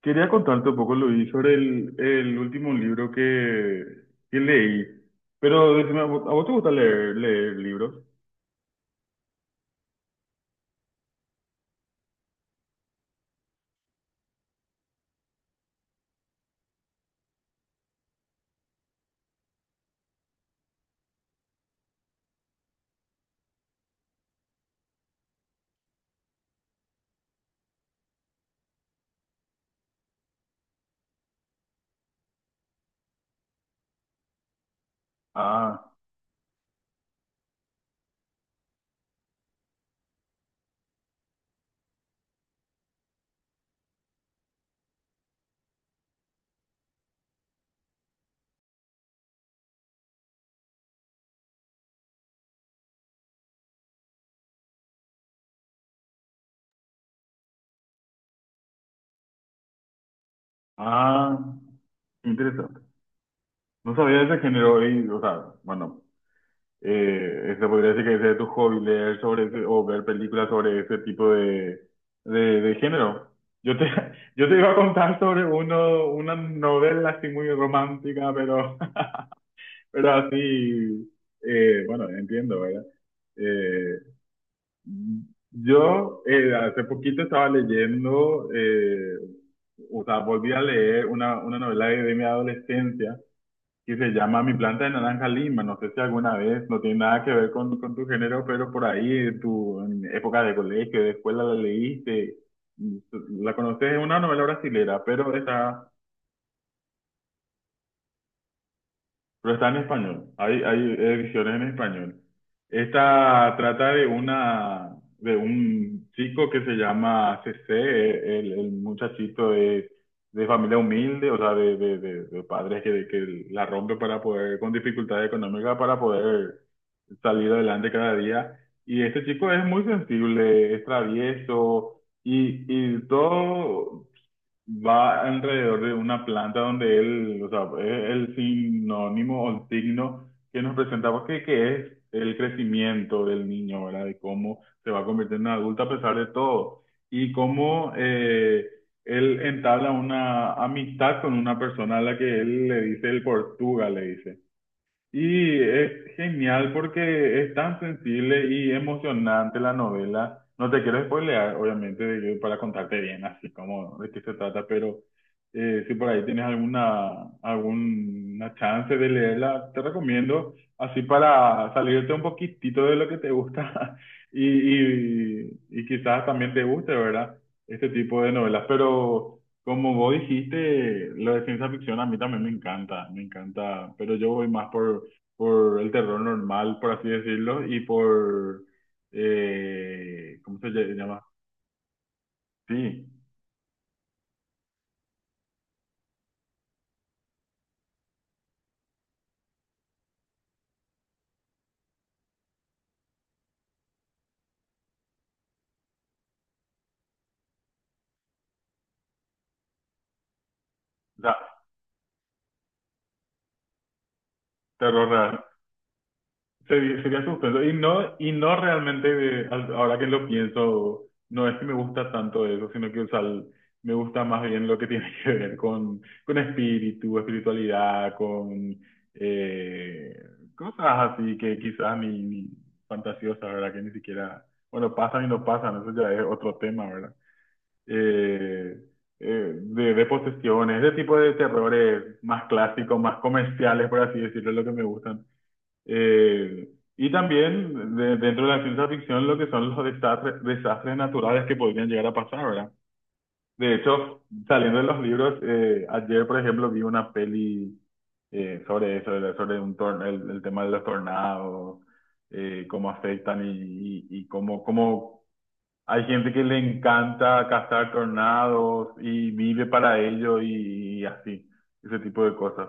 Quería contarte un poco, Luis, sobre el último libro que leí. Pero decime, ¿a vos te gusta leer, leer libros? Ah, ah, interesante. No sabía de ese género y, o sea, bueno, se podría decir que ese es tu hobby, leer sobre ese, o ver películas sobre ese tipo de, de género. Yo te, yo te iba a contar sobre uno, una novela así muy romántica, pero, pero así, bueno, entiendo, ¿verdad? Eh, Yo Hace poquito estaba leyendo, o sea, volví a leer una novela de mi adolescencia que se llama Mi planta de naranja lima. No sé si alguna vez, no tiene nada que ver con tu género, pero por ahí, tu, en época de colegio, de escuela, la leíste. La conoces, es una novela brasilera, pero está. Pero está en español, hay ediciones en español. Esta trata de una, de un chico que se llama CC, el muchachito de familia humilde, o sea, de padres que la rompe para poder, con dificultades económicas para poder salir adelante cada día. Y este chico es muy sensible, es travieso y todo, va alrededor de una planta donde él, o sea, es el sinónimo o el signo que nos presentaba que es el crecimiento del niño, ¿verdad? De cómo se va a convertir en adulto a pesar de todo. Y cómo él entabla una amistad con una persona a la que él le dice el Portuga, le dice. Y es genial porque es tan sensible y emocionante la novela. No te quiero spoilear, obviamente, para contarte bien así como de qué se trata, pero si por ahí tienes alguna, alguna chance de leerla, te recomiendo, así para salirte un poquitito de lo que te gusta y quizás también te guste, ¿verdad? Este tipo de novelas. Pero como vos dijiste, lo de ciencia ficción a mí también me encanta, pero yo voy más por el terror normal, por así decirlo, y por, ¿cómo llama? Sí, o sea, terror real. Sería, sería suspenso. Y no realmente, ahora que lo pienso, no es que me gusta tanto eso, sino que, o sea, me gusta más bien lo que tiene que ver con espíritu, espiritualidad, con eh, cosas así que quizás ni, ni fantasiosas, ¿verdad? Que ni siquiera, bueno, pasan y no pasan, eso ya es otro tema, ¿verdad? eh, de posesiones, ese tipo de terrores más clásicos, más comerciales, por así decirlo, es lo que me gustan. Eh, y también dentro de la ciencia ficción lo que son los desastres, desastres naturales que podrían llegar a pasar, ¿verdad? De hecho, saliendo de los libros, ayer, por ejemplo, vi una peli sobre eso, sobre sobre un el tema de los tornados, cómo afectan y cómo, cómo hay gente que le encanta cazar tornados y vive para ello y así, ese tipo de cosas.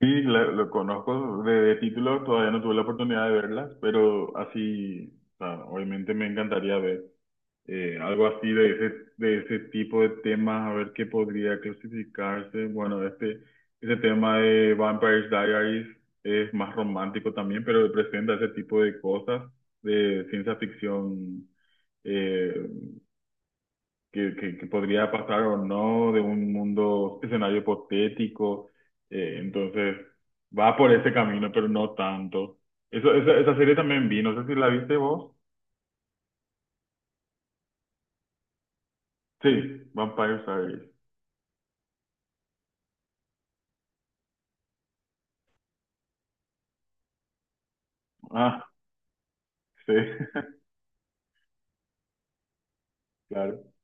Sí, lo, conozco de título, todavía no tuve la oportunidad de verlas, pero así, o sea, obviamente me encantaría ver algo así de ese tipo de temas, a ver qué podría clasificarse. Bueno, este tema de Vampire Diaries es más romántico también, pero presenta ese tipo de cosas de ciencia ficción eh, que, que podría pasar o no, de un mundo, escenario hipotético. Entonces, va por ese camino, pero no tanto. Eso, esa serie también vi, no sé si la viste vos. Sí, Vampire Diaries. Ah, sí, claro.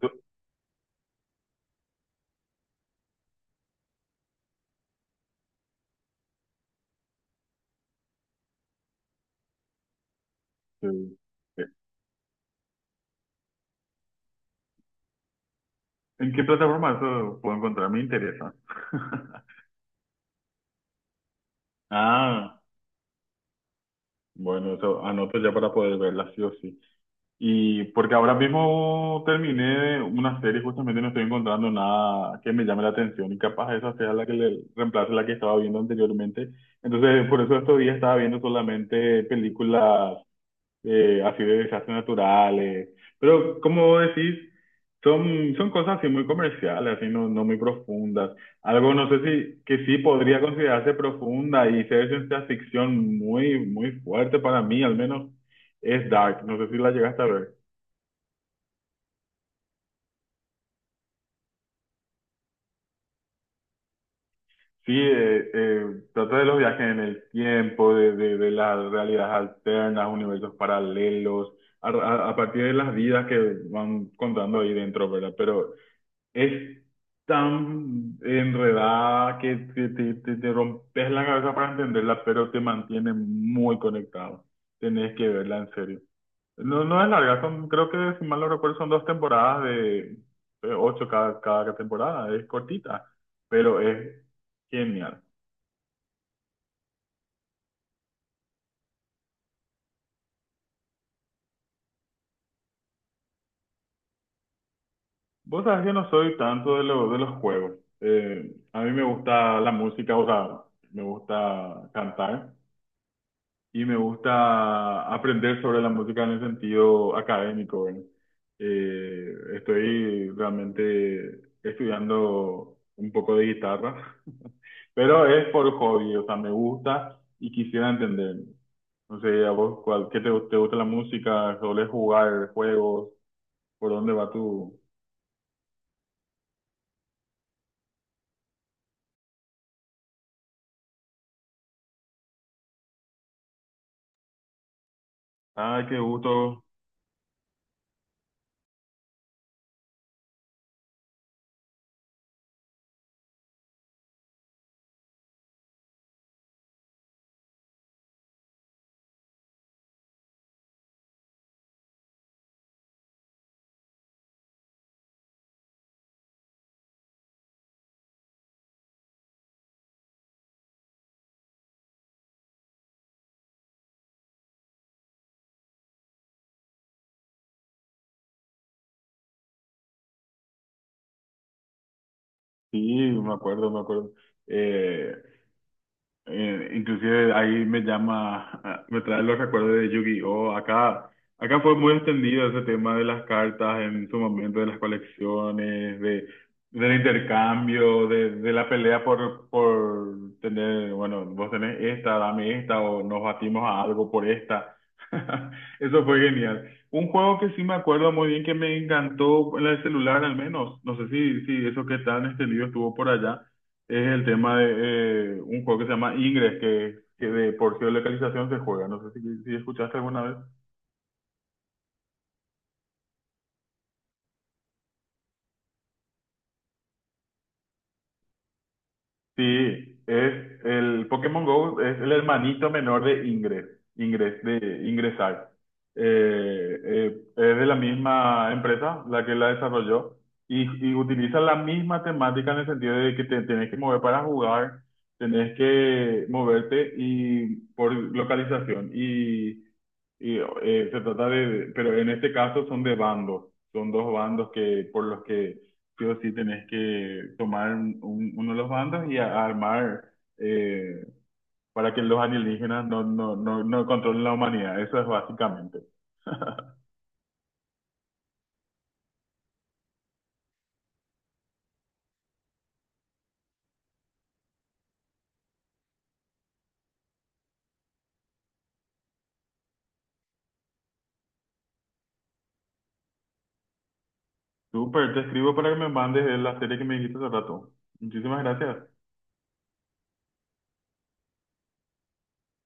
Do- sí. ¿En qué plataforma eso puedo encontrar? Me interesa. Ah, bueno, eso anoto ya para poder verla, sí o sí. Y porque ahora mismo terminé una serie, justamente no estoy encontrando nada que me llame la atención y capaz esa sea la que le reemplace la que estaba viendo anteriormente. Entonces, por eso estos días estaba viendo solamente películas así de desastres naturales. Pero como decís, son, son cosas así muy comerciales, así no, no muy profundas. Algo, no sé si, que sí podría considerarse profunda y ser ciencia ficción muy, muy fuerte para mí, al menos, es Dark. No sé si la llegaste a ver. Sí, trata de los viajes en el tiempo, de las realidades alternas, universos paralelos, a partir de las vidas que van contando ahí dentro, ¿verdad? Pero es tan enredada que te, te rompes la cabeza para entenderla, pero te mantiene muy conectado. Tenés que verla en serio. No, no es larga, son, creo que si mal no recuerdo son dos temporadas de ocho cada, cada temporada, es cortita, pero es genial. Vos sabés que no soy tanto de, de los juegos. A mí me gusta la música, o sea, me gusta cantar y me gusta aprender sobre la música en el sentido académico, ¿verdad? Estoy realmente estudiando un poco de guitarra, pero es por hobby, o sea, me gusta y quisiera entender. No sé, a vos, cuál, ¿qué te, te gusta la música? ¿Solés jugar juegos? ¿Por dónde va tu...? Ay, qué gusto. Sí, me acuerdo, me acuerdo. Eh, inclusive ahí me llama, ah, me trae los recuerdos de Yu-Gi-Oh! Acá, acá fue muy extendido ese tema de las cartas en su momento, de las colecciones, de, del intercambio, de la pelea por tener, bueno, vos tenés esta, dame esta, o nos batimos a algo por esta. Eso fue genial. Un juego que sí me acuerdo muy bien que me encantó en el celular al menos. No sé si, si eso que tan extendido estuvo por allá es el tema de un juego que se llama Ingress, que de por sí de localización se juega. No sé si, si escuchaste alguna vez. Sí, es el Pokémon Go es el hermanito menor de Ingress, Ingress de Ingresar. Es de la misma empresa la que la desarrolló y utiliza la misma temática en el sentido de que te tenés que mover para jugar, tenés que moverte y por localización y se trata de, pero en este caso son de bandos, son dos bandos que por los que sí o sí tenés que tomar un- uno de los bandos y armar eh, para que los alienígenas no, no, no, no controlen la humanidad. Eso es básicamente. Súper, te escribo para que me mandes la serie que me dijiste hace rato. Muchísimas gracias.